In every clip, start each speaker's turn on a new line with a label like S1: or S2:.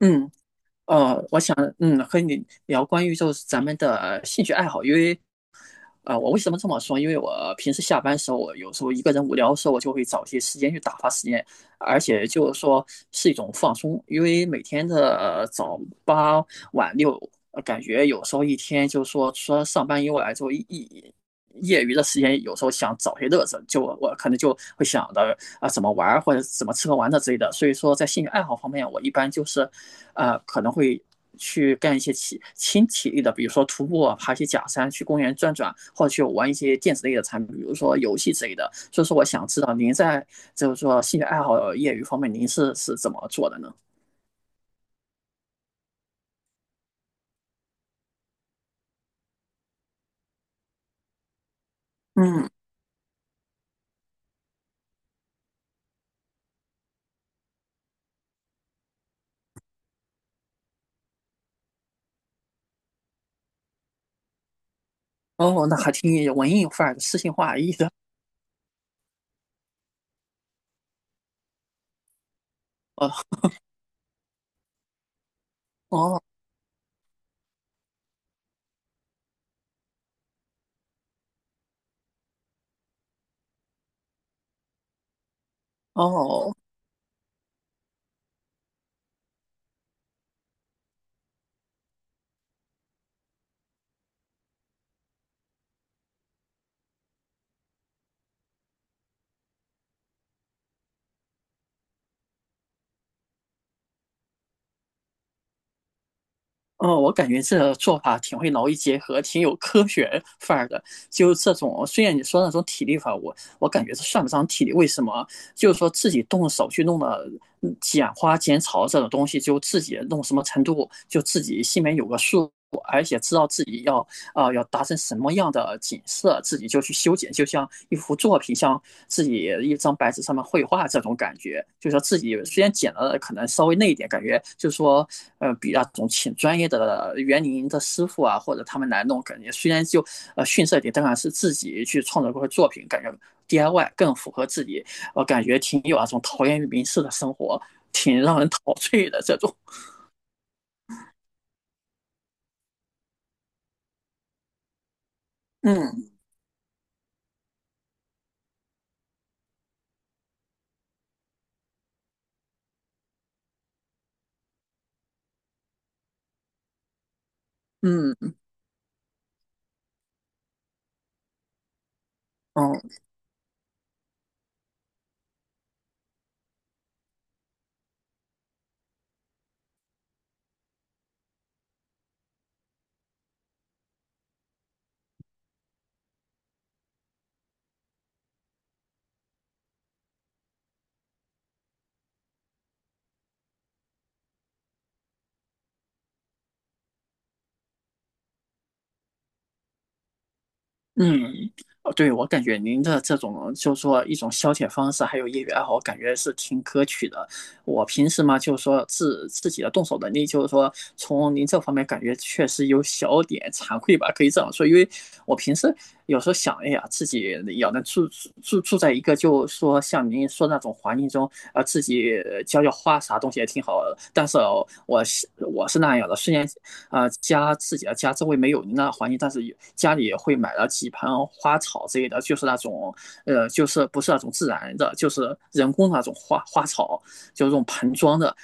S1: 嗯，我想，嗯，和你聊关于就是咱们的兴趣爱好。因为啊，我为什么这么说？因为我平时下班时候，我有时候一个人无聊的时候，我就会找些时间去打发时间，而且就是说是一种放松。因为每天的早八晚六，感觉有时候一天就是说，除了上班以外，就一一业余的时间，有时候想找些乐子，就我可能就会想着啊怎么玩儿或者怎么吃喝玩乐之类的。所以说，在兴趣爱好方面，我一般就是，可能会去干一些体轻体力的，比如说徒步、啊、爬一些假山、去公园转转，或者去玩一些电子类的产品，比如说游戏之类的。所以说，我想知道您在就是说兴趣爱好、业余方面，您是怎么做的呢？嗯，哦，那还挺文艺范儿的、诗情画意的。哦哦哦，嗯，我感觉这个做法挺会劳逸结合，挺有科学范儿的。就是这种，虽然你说那种体力法，我感觉这算不上体力。为什么？就是说自己动手去弄的，嗯剪花剪草这种东西，就自己弄什么程度，就自己心里面有个数，而且知道自己要要达成什么样的景色，自己就去修剪，就像一幅作品，像自己一张白纸上面绘画这种感觉。就是说自己虽然剪了可能稍微那一点，感觉就是说，比那种请专业的园林的师傅啊，或者他们来弄，感觉虽然就逊色一点，但然是自己去创作过的作品，感觉 DIY 更符合自己，我感觉挺有那种陶渊明式的生活，挺让人陶醉的这种。嗯嗯嗯，嗯，哦，对，我感觉您的这种就是说一种消遣方式，还有业余爱好，我感觉是挺可取的。我平时嘛，就是说自己的动手能力，就是说从您这方面感觉确实有小点惭愧吧，可以这样说。因为我平时有时候想，哎呀，自己要能住住在一个，就是说像您说那种环境中，自己浇浇花啥东西也挺好的。但是哦我是那样的，虽然家自己的家周围没有那环境，但是家里也会买了几盆花草之类的，就是那种就是不是那种自然的，就是人工的那种花花草，就是这种盆装的。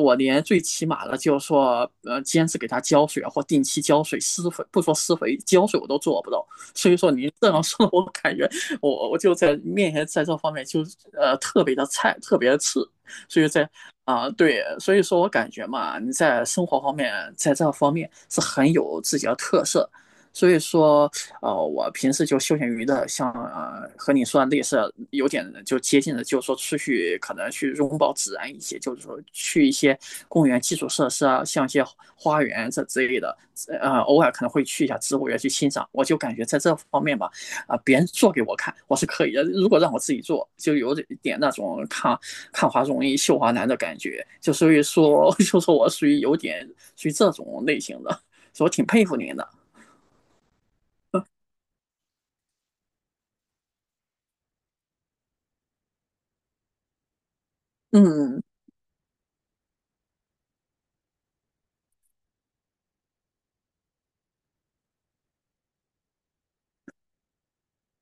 S1: 我连最起码的，就是说，坚持给它浇水啊或定期浇水、施肥，不说施肥，浇水我都做不到。所以说，您这样说，我感觉我就在面前在这方面就特别的菜，特别的次。所以在啊，对，所以说我感觉嘛，你在生活方面，在这方面是很有自己的特色。所以说，我平时就休闲娱乐，像和你说的类似，有点就接近的，就是说出去可能去拥抱自然一些，就是说去一些公园基础设施啊，像一些花园这之类的，偶尔可能会去一下植物园去欣赏。我就感觉在这方面吧，别人做给我看，我是可以的。如果让我自己做，就有点那种看看花容易绣华难的感觉，就所以说，就说我属于有点属于这种类型的，所以我挺佩服您的。嗯，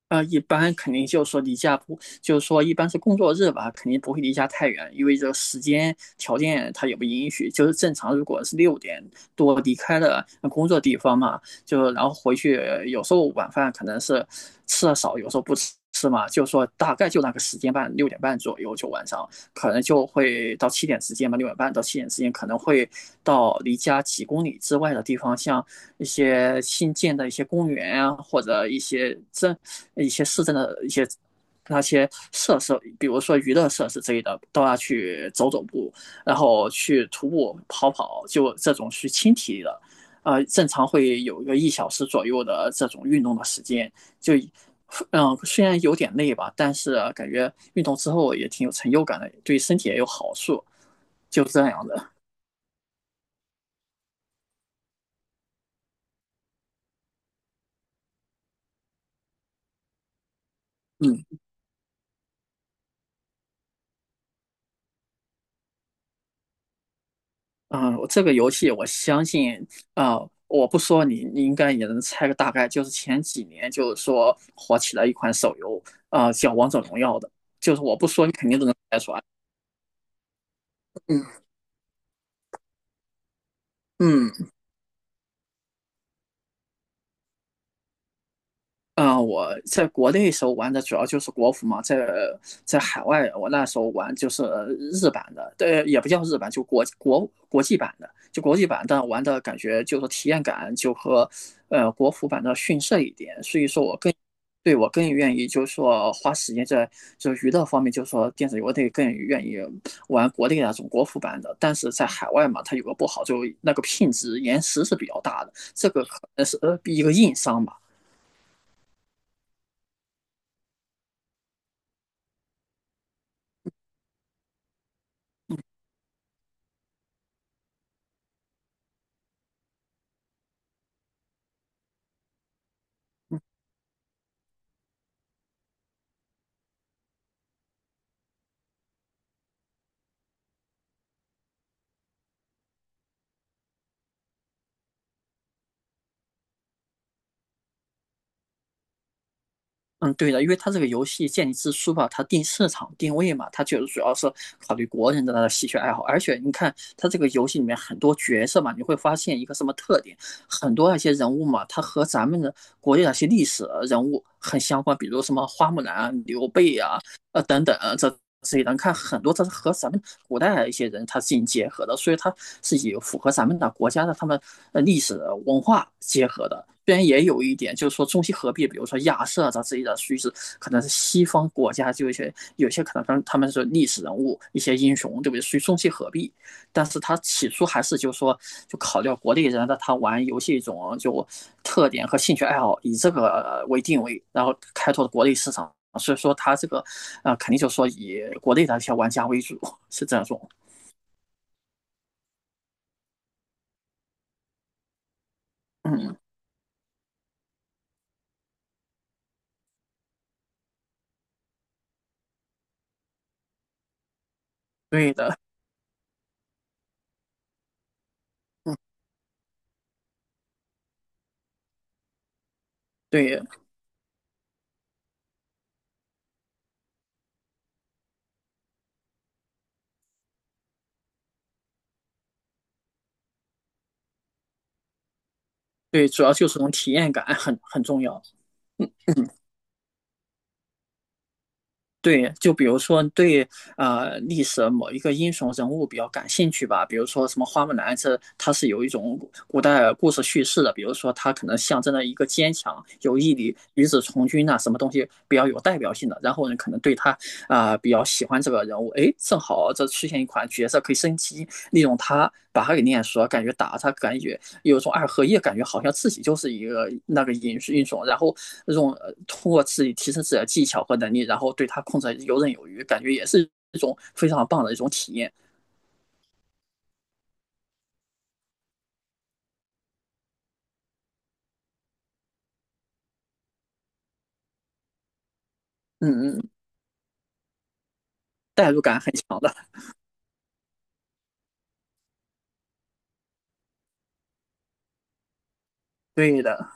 S1: 一般肯定就是说离家不，就是说一般是工作日吧，肯定不会离家太远，因为这个时间条件它也不允许。就是正常，如果是六点多离开了工作地方嘛，就然后回去，有时候晚饭可能是吃的少，有时候不吃嘛，就是说大概就那个时间半，六点半左右就晚上，可能就会到七点之间吧，六点半到七点之间可能会到离家几公里之外的地方，像一些新建的一些公园啊，或者一些镇、一些市政的一些那些设施，比如说娱乐设施之类的，都要去走走步，然后去徒步跑跑，就这种去轻体力的，正常会有一个一小时左右的这种运动的时间，就。嗯，虽然有点累吧，但是啊感觉运动之后也挺有成就感的，对身体也有好处，就这样的。嗯，嗯，这个游戏我相信，啊，我不说你，你应该也能猜个大概。就是前几年，就是说火起来一款手游，啊，叫《王者荣耀》的，就是我不说，你肯定都能猜出来。嗯嗯。嗯，我在国内时候玩的主要就是国服嘛，在在海外我那时候玩就是日版的，对，也不叫日版，就国际版的，就国际版，但玩的感觉就是体验感就和国服版的逊色一点，所以说我更愿意就是说花时间在就娱乐方面，就是说电子游类更愿意玩国内那种国服版的，但是在海外嘛，它有个不好，就那个品质延迟是比较大的，这个可能是一个硬伤吧。嗯，对的，因为它这个游戏建立之初吧，它定市场定位嘛，它就是主要是考虑国人的那个兴趣爱好。而且你看，它这个游戏里面很多角色嘛，你会发现一个什么特点？很多那些人物嘛，它和咱们的国内那些历史人物很相关，比如什么花木兰、刘备呀、等等这这些人看很多，这是和咱们古代一些人他进行结合的，所以它是有符合咱们的国家的他们历史文化结合的。虽然也有一点，就是说中西合璧，比如说亚瑟这之类的于是可能是西方国家就有些可能他们是历史人物一些英雄，对不对？属于中西合璧，但是他起初还是就说，就考虑到国内人的他玩游戏一种就特点和兴趣爱好，以这个为定位，然后开拓国内市场。所以说他这个，肯定就说以国内的一些玩家为主，是这种。嗯，对的，嗯，对对，主要就是种体验感很重要。对，就比如说对历史某一个英雄人物比较感兴趣吧，比如说什么花木兰，这它是有一种古代故事叙事的，比如说它可能象征了一个坚强、有毅力、与子从军呐、什么东西比较有代表性的，然后呢可能对他比较喜欢这个人物，哎，正好这出现一款角色可以升级，利用他把他给练熟，感觉打他感觉有种二合一感觉好像自己就是一个那个音英种，然后那种通过自己提升自己的技巧和能力，然后对它控制游刃有余，感觉也是一种非常棒的一种体验。嗯嗯，嗯代入感很强的，对的。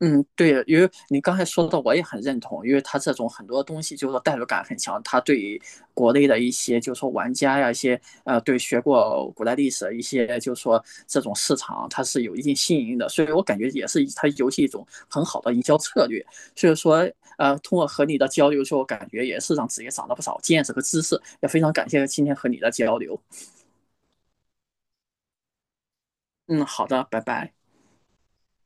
S1: 嗯，对，因为你刚才说的我也很认同，因为它这种很多东西就是说代入感很强，它对于国内的一些就是说玩家呀，一些对学过古代历史的一些就是说这种市场，它是有一定吸引力的，所以我感觉也是它游戏一种很好的营销策略。所以说，通过和你的交流之后，感觉也是让自己长了不少见识和知识，也非常感谢今天和你的交流。嗯，好的，拜拜。